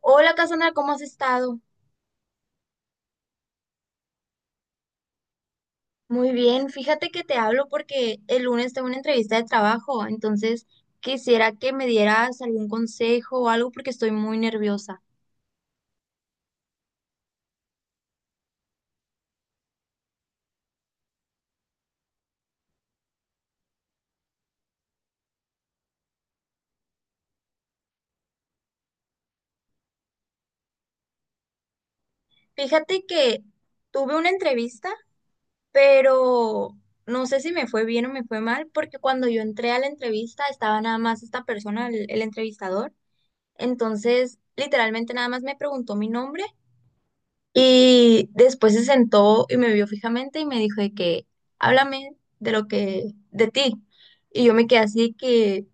Hola, Cassandra, ¿cómo has estado? Muy bien, fíjate que te hablo porque el lunes tengo una entrevista de trabajo, entonces quisiera que me dieras algún consejo o algo porque estoy muy nerviosa. Fíjate que tuve una entrevista, pero no sé si me fue bien o me fue mal, porque cuando yo entré a la entrevista estaba nada más esta persona, el entrevistador, entonces literalmente nada más me preguntó mi nombre. Y después se sentó y me vio fijamente y me dijo de que, háblame de ti. Y yo me quedé así que,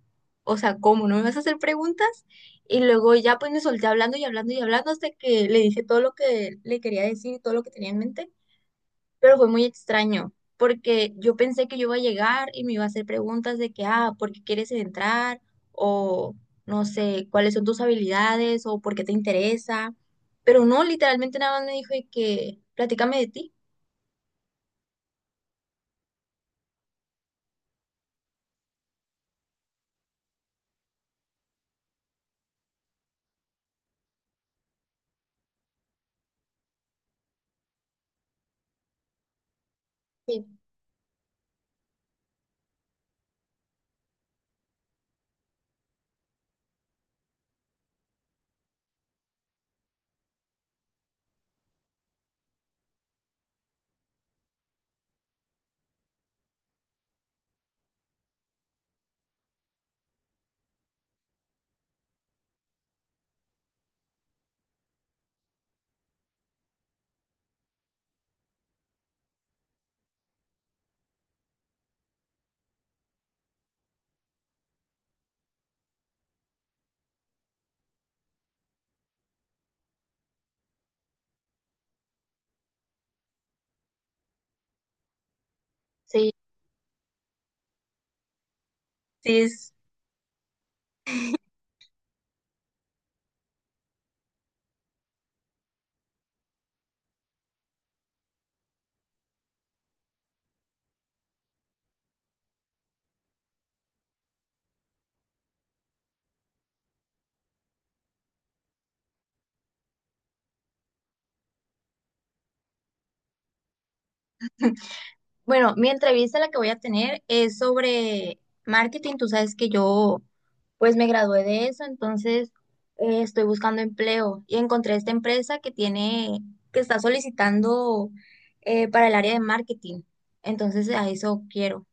o sea, ¿cómo? ¿No me vas a hacer preguntas? Y luego ya pues me solté hablando y hablando y hablando hasta que le dije todo lo que le quería decir y todo lo que tenía en mente. Pero fue muy extraño, porque yo pensé que yo iba a llegar y me iba a hacer preguntas de que, ah, ¿por qué quieres entrar? O no sé, ¿cuáles son tus habilidades? O ¿por qué te interesa? Pero no, literalmente nada más me dijo de que, platícame de ti. Sí, sí, sí, es. Bueno, mi entrevista la que voy a tener es sobre marketing. Tú sabes que yo pues me gradué de eso, entonces estoy buscando empleo y encontré esta empresa que tiene, que está solicitando, para el área de marketing. Entonces a eso quiero.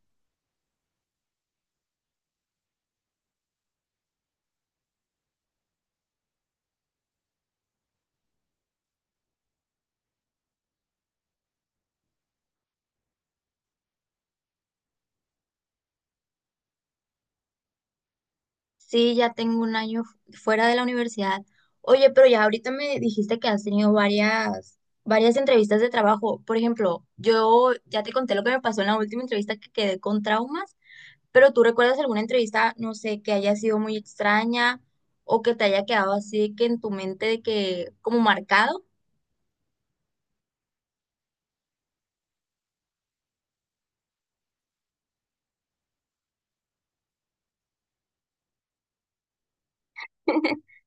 Sí, ya tengo un año fuera de la universidad. Oye, pero ya ahorita me dijiste que has tenido varias entrevistas de trabajo. Por ejemplo, yo ya te conté lo que me pasó en la última entrevista que quedé con traumas. Pero tú recuerdas alguna entrevista, no sé, que haya sido muy extraña o que te haya quedado así que en tu mente de que como marcado.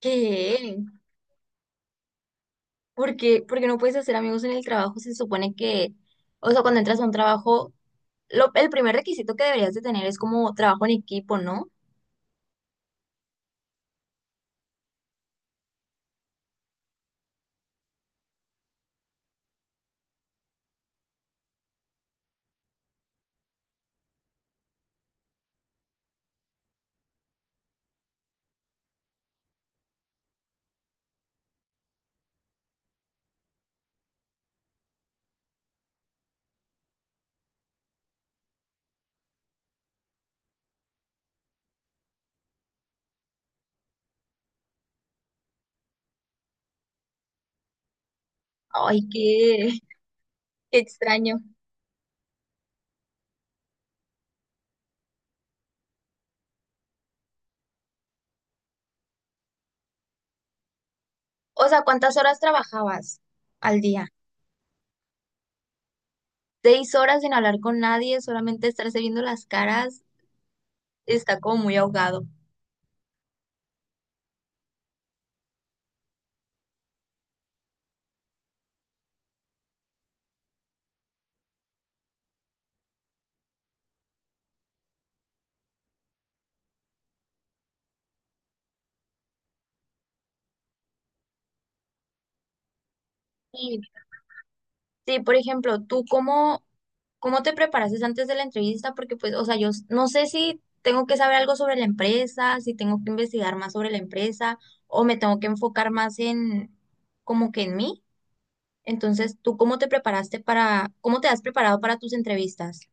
¿Qué? Porque, porque no puedes hacer amigos en el trabajo, se supone que, o sea, cuando entras a un trabajo, el primer requisito que deberías de tener es como trabajo en equipo, ¿no? Ay, qué, qué extraño. O sea, ¿cuántas horas trabajabas al día? Seis horas sin hablar con nadie, solamente estarse viendo las caras, está como muy ahogado. Y sí, por ejemplo, ¿tú cómo te preparaste antes de la entrevista? Porque pues, o sea, yo no sé si tengo que saber algo sobre la empresa, si tengo que investigar más sobre la empresa o me tengo que enfocar más en como que en mí. Entonces, ¿tú cómo te cómo te has preparado para tus entrevistas?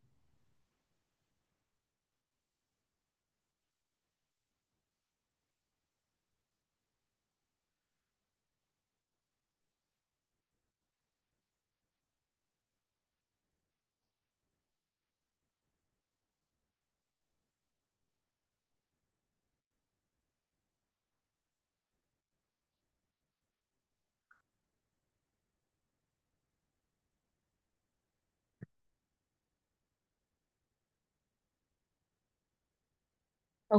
O-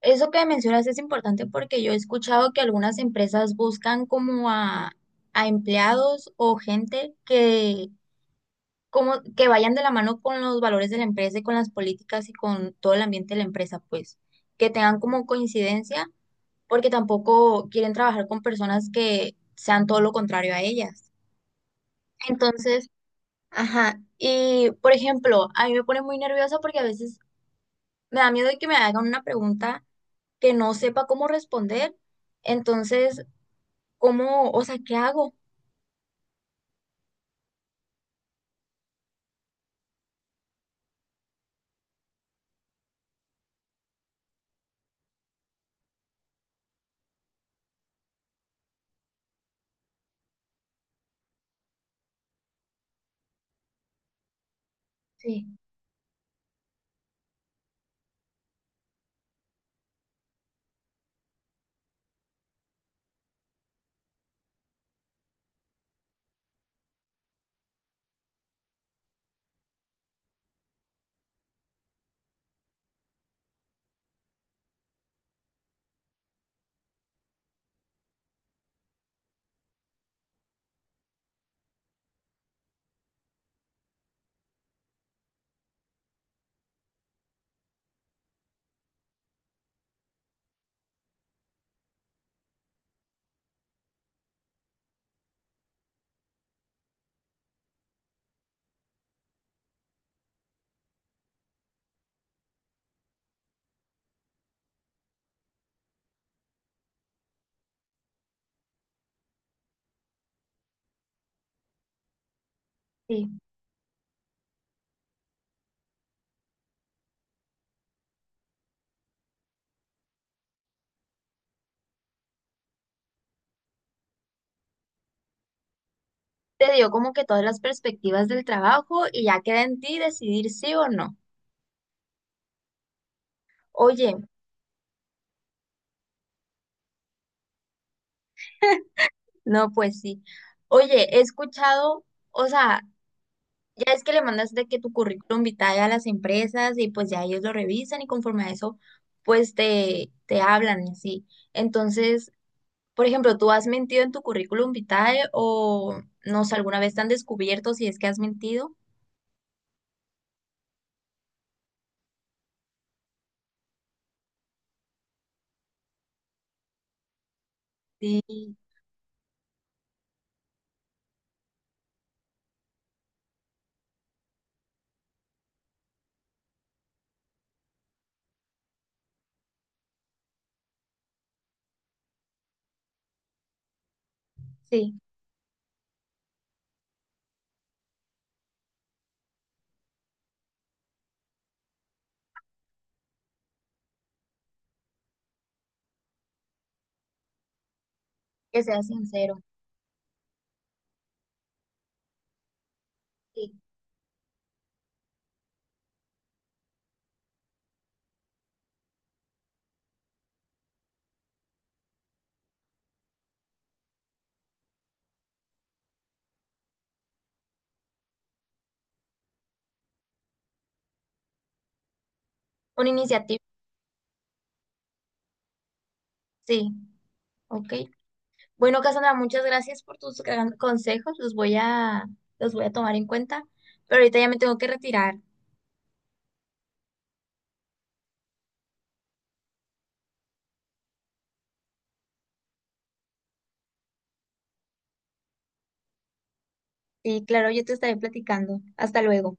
Eso que mencionas es importante porque yo he escuchado que algunas empresas buscan como a empleados o gente que como que vayan de la mano con los valores de la empresa y con las políticas y con todo el ambiente de la empresa, pues, que tengan como coincidencia, porque tampoco quieren trabajar con personas que sean todo lo contrario a ellas. Entonces, ajá, y por ejemplo, a mí me pone muy nerviosa porque a veces me da miedo de que me hagan una pregunta que no sepa cómo responder. Entonces, ¿cómo, o sea, qué hago? Sí, sí. Te dio como que todas las perspectivas del trabajo y ya queda en ti decidir sí o no. Oye, no, pues sí. Oye, he escuchado, o sea, ya es que le mandas de que tu currículum vitae a las empresas y pues ya ellos lo revisan y conforme a eso, pues te hablan y así. Entonces, por ejemplo, ¿tú has mentido en tu currículum vitae o no sé, alguna vez te han descubierto si es que has mentido? Sí, sí, que sea sincero. Sí. Una iniciativa, sí, ok. Bueno, Cassandra, muchas gracias por tus consejos. Los voy los voy a tomar en cuenta, pero ahorita ya me tengo que retirar. Y claro, yo te estaré platicando. Hasta luego.